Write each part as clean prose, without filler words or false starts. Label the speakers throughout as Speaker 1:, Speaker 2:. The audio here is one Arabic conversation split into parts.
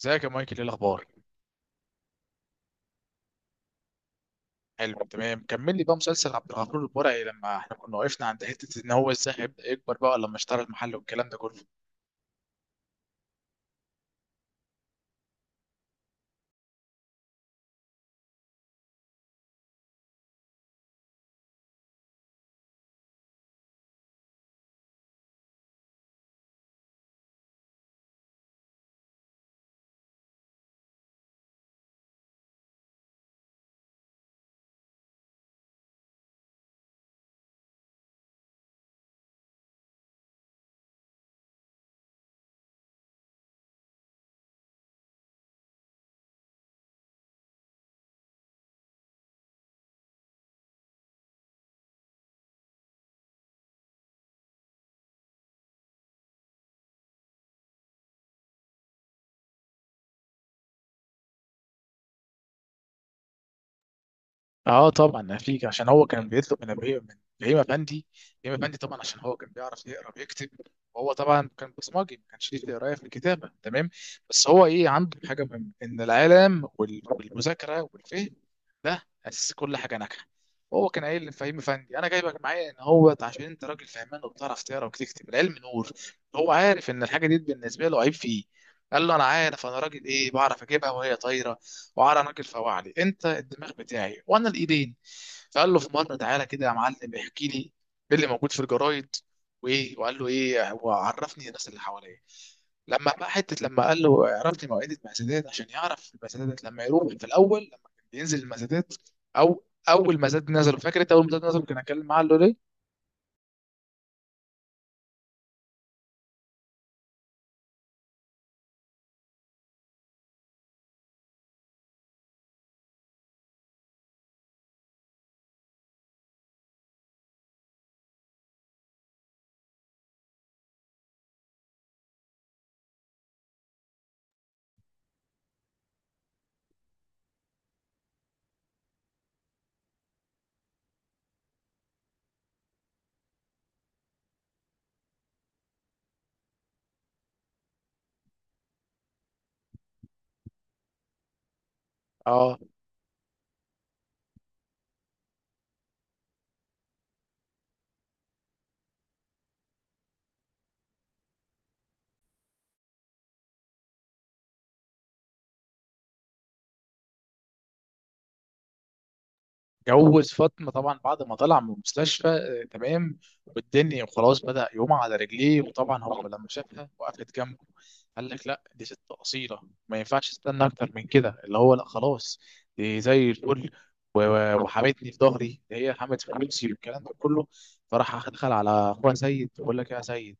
Speaker 1: ازيك يا مايكل؟ ايه الاخبار؟ حلو تمام. كمل لي بقى مسلسل عبد الغفور البرعي. لما احنا كنا وقفنا عند حته ان هو ازاي هيبدا يكبر بقى لما اشترى المحل والكلام ده كله. اه طبعا فيك، عشان هو كان بيطلب من ابراهيم، من ابراهيم افندي. ابراهيم افندي طبعا، عشان هو كان بيعرف يقرا ويكتب، وهو طبعا كان بصمجي، ما كانش ليه في القرايه في الكتابه، تمام. بس هو ايه، عنده حاجه مهمه ان العلم والمذاكره والفهم ده اساس كل حاجه ناجحه. هو كان قايل لفهيم افندي انا جايبك معايا، ان هو عشان انت راجل فهمان وبتعرف تقرا وتكتب، العلم نور. هو عارف ان الحاجه دي بالنسبه له عيب فيه. قال له انا عارف انا راجل ايه، بعرف اجيبها وهي طايره، وعلى راجل فوعلي، انت الدماغ بتاعي وانا الايدين. فقال له في مره، تعالى كده يا معلم احكي لي ايه اللي موجود في الجرايد، وايه، وقال له ايه وعرفني الناس اللي حواليا. لما بقى حته لما قال له عرفني مواعيد المزادات، عشان يعرف المزادات، لما يروح في الاول لما كان بينزل المزادات، او اول مزاد نزله، فاكر انت اول مزاد نزله كان اتكلم معاه قال له ليه؟ اه. جوز فاطمة طبعا بعد ما طلع من المستشفى، آه، تمام. والدنيا وخلاص، بدأ يقوم على رجليه. وطبعا هو لما شافها وقفت جنبه، قال لك لا دي ست أصيلة، ما ينفعش استنى أكتر من كده، اللي هو لا خلاص، دي زي الفل، وحمتني في ظهري، هي حمت في فلوسي والكلام ده كله. فراح دخل على اخوها سيد، بقول لك إيه يا سيد،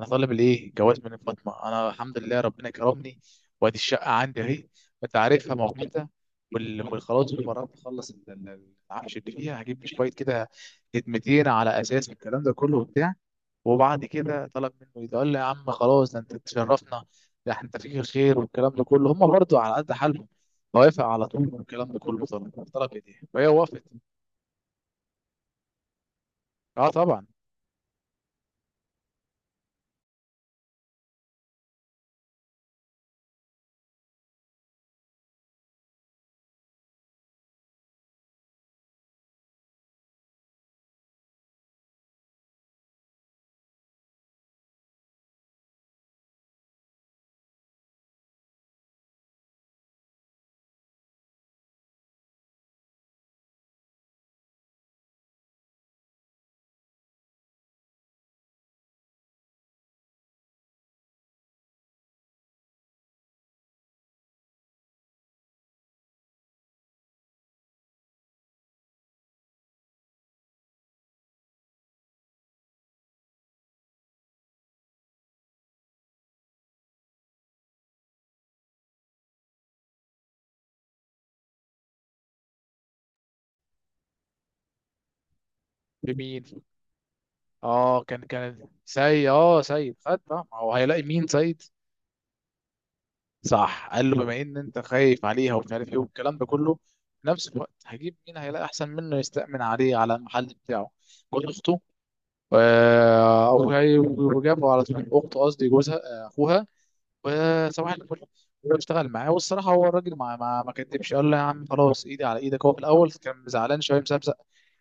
Speaker 1: انا طالب الايه، جواز من فاطمه. انا الحمد لله ربنا كرمني، وادي الشقه عندي اهي، انت عارفها موقتها، والخلاص، وقررت اخلص العفش اللي فيها، هجيب لي شويه كده خدمتين على اساس الكلام ده كله وبتاع. وبعد كده طلب منه، يقول لي يا عم خلاص، ده انت تشرفنا، ده انت فيك الخير والكلام ده كله. هم برضو على قد حالهم، موافق على طول والكلام ده كله. طلب طلب ايديها فهي وافقت. اه طبعا. في مين؟ اه، كان سيد. اه سيد خد طبعا، هو هيلاقي مين؟ سيد. صح. قال له بما ان انت خايف عليها ومش عارف ايه والكلام ده كله، في نفس الوقت هجيب مين هيلاقي احسن منه يستأمن عليه على المحل بتاعه، جوز اخته. آه وجابه على طول، اخته، قصدي جوزها، آه، اخوها. وصباح الفل واشتغل معاه. والصراحه هو الراجل ما كدبش، قال له يا عم خلاص ايدي على ايدك. هو في الاول كان زعلان شويه مسبسق،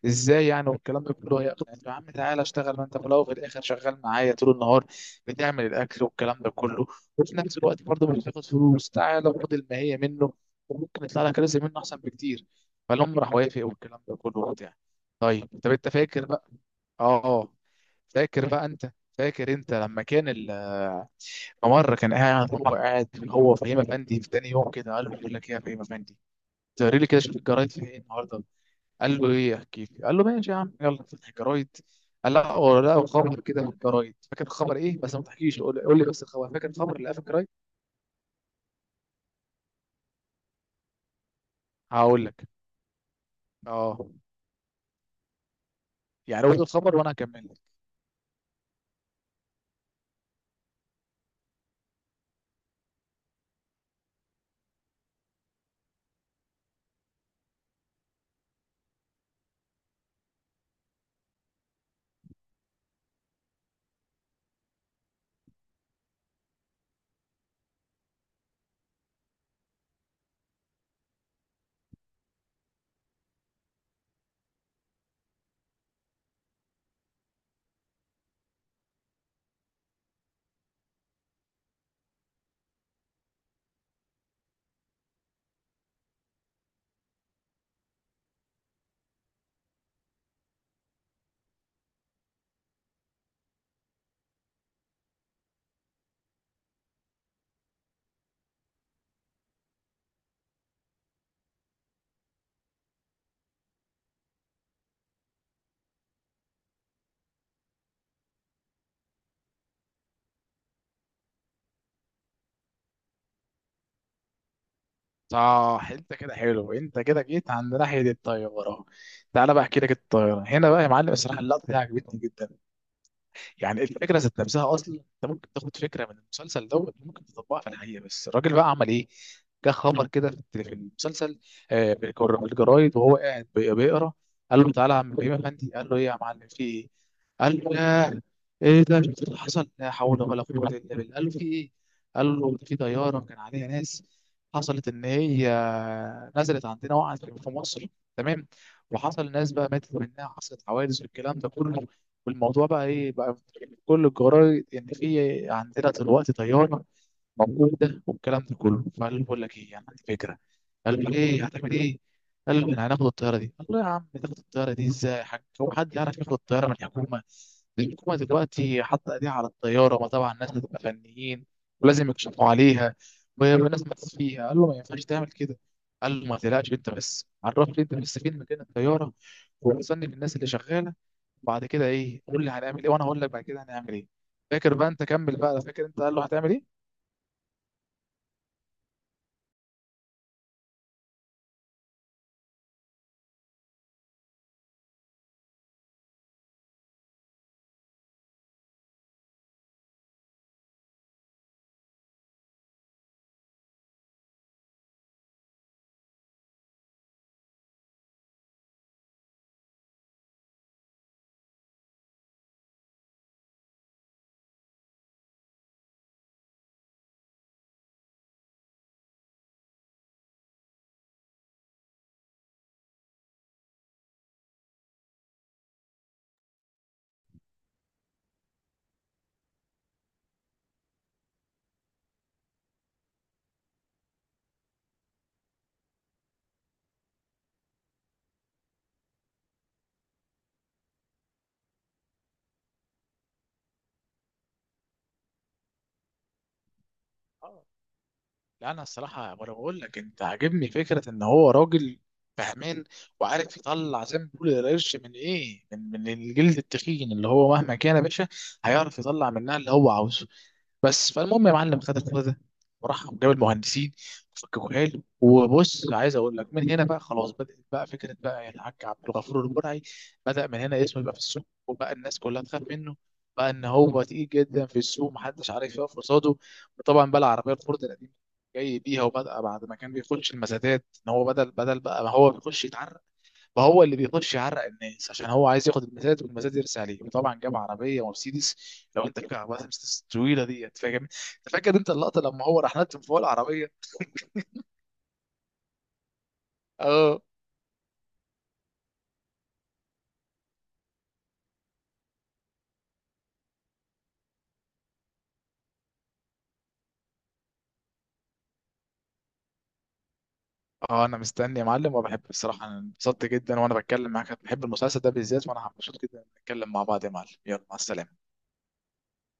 Speaker 1: ازاي يعني والكلام ده كله، يا عم تعالى اشتغل، ما انت في الاول وفي الاخر شغال معايا طول النهار، بتعمل الاكل والكلام ده كله، وفي نفس الوقت برضه مش بتاخد فلوس، تعالى خد الماهيه منه، وممكن يطلع لك رزق منه احسن بكتير. فالام راح وافق والكلام ده كله وبتاع. طيب، طب انت فاكر بقى؟ اه اه. فاكر بقى انت، فاكر انت لما كان مرة كان قاعد، هو فهيم أفندي، في تاني يوم كده قال له بقول لك إيه يا فهيم أفندي، تقري لي كده شوف الجرايد في إيه النهاردة. قال له إيه أحكي لي؟ قال له ماشي يا عم، يلا فتح الجرايد. قال لا هو لا، خبر كده في الجرايد، فاكر الخبر إيه؟ بس ما تحكيش، قول لي بس الخبر، فاكر الخبر اللي في الجرايد؟ هقول لك. أه يعني قول الخبر وأنا هكمل لك. صح انت كده. حلو انت كده جيت عند ناحيه الطياره. تعالى بقى احكي لك الطياره. هنا بقى يا معلم، الصراحه اللقطه دي عجبتني جدا. يعني الفكره ذات نفسها اصلا، انت ممكن تاخد فكره من المسلسل دوت ممكن تطبقها في الحقيقه. بس الراجل بقى عمل ايه؟ جه خبر كده في المسلسل، آه، الجرايد، وهو قاعد بيقرا. قال له تعالى يا عم ابراهيم افندي، قال له ايه يا معلم في ايه؟ قال له ياه، ايه ده، شفت اللي حصل؟ لا حول ولا قوه الا بالله. قال له في ايه؟ قال له ده في طياره كان عليها ناس، حصلت ان هي نزلت عندنا، وقعت في مصر، تمام، وحصل ناس بقى ماتت منها، حصلت حوادث والكلام ده كله. والموضوع بقى ايه بقى، كل الجرايد ان في عندنا دلوقتي طياره موجوده والكلام ده كله. فقال له بقول لك ايه، يعني عندي فكره. قال له ايه هتعمل ايه؟ قال له احنا هناخد الطياره دي. قال له يا عم، تاخد الطياره دي ازاي يا حاج؟ هو حد يعرف ياخد الطياره من الحكومه؟ الحكومه دلوقتي حاطه ايديها على الطياره، وطبعا الناس بتبقى فنيين ولازم يكشفوا عليها، والناس ماتت فيها، قال له ما ينفعش تعمل كده. قال له ما تقلقش، انت بس عرفني، انت بس فين مكان الطياره، ووصلني للناس اللي شغاله، وبعد كده ايه، قول لي هنعمل ايه، وانا هقول لك بعد كده هنعمل ايه. فاكر بقى انت؟ كمل بقى. فاكر انت قال له هتعمل ايه؟ لا انا الصراحه وانا بقول لك، انت عاجبني فكره ان هو راجل فهمان، وعارف يطلع زي ما بيقول القرش، من ايه، من الجلد التخين، اللي هو مهما كان يا باشا هيعرف يطلع منها اللي هو عاوزه. بس فالمهم يا معلم، خد الخبر ده، وراح جاب المهندسين وفككوا حلو. وبص عايز اقول لك، من هنا بقى خلاص بدات بقى فكره بقى الحاج عبد الغفور البرعي، بدا من هنا اسمه يبقى في السوق، وبقى الناس كلها تخاف منه، بقى ان هو تقيل جدا في السوق محدش عارف يقف قصاده. وطبعا بقى العربيه الفورد القديمه جاي بيها، وبدأ بعد ما كان بيخش المسادات، ان هو بدل بقى ما هو بيخش يتعرق، بقى هو اللي بيخش يعرق الناس، عشان هو عايز ياخد المسادات والمسادات يرسي عليه. وطبعا جاب عربيه مرسيدس. لو انت فاكر عربيه مرسيدس الطويله ديت، فاكر انت، فاكر انت اللقطه لما هو راح نط من فوق العربيه؟ اه اه. انا مستني يا معلم، وبحب بصراحه، انا انبسطت جدا وانا بتكلم معاك، بحب المسلسل ده بالذات، وانا مبسوط جدا نتكلم مع بعض يا معلم. يلا مع السلامه.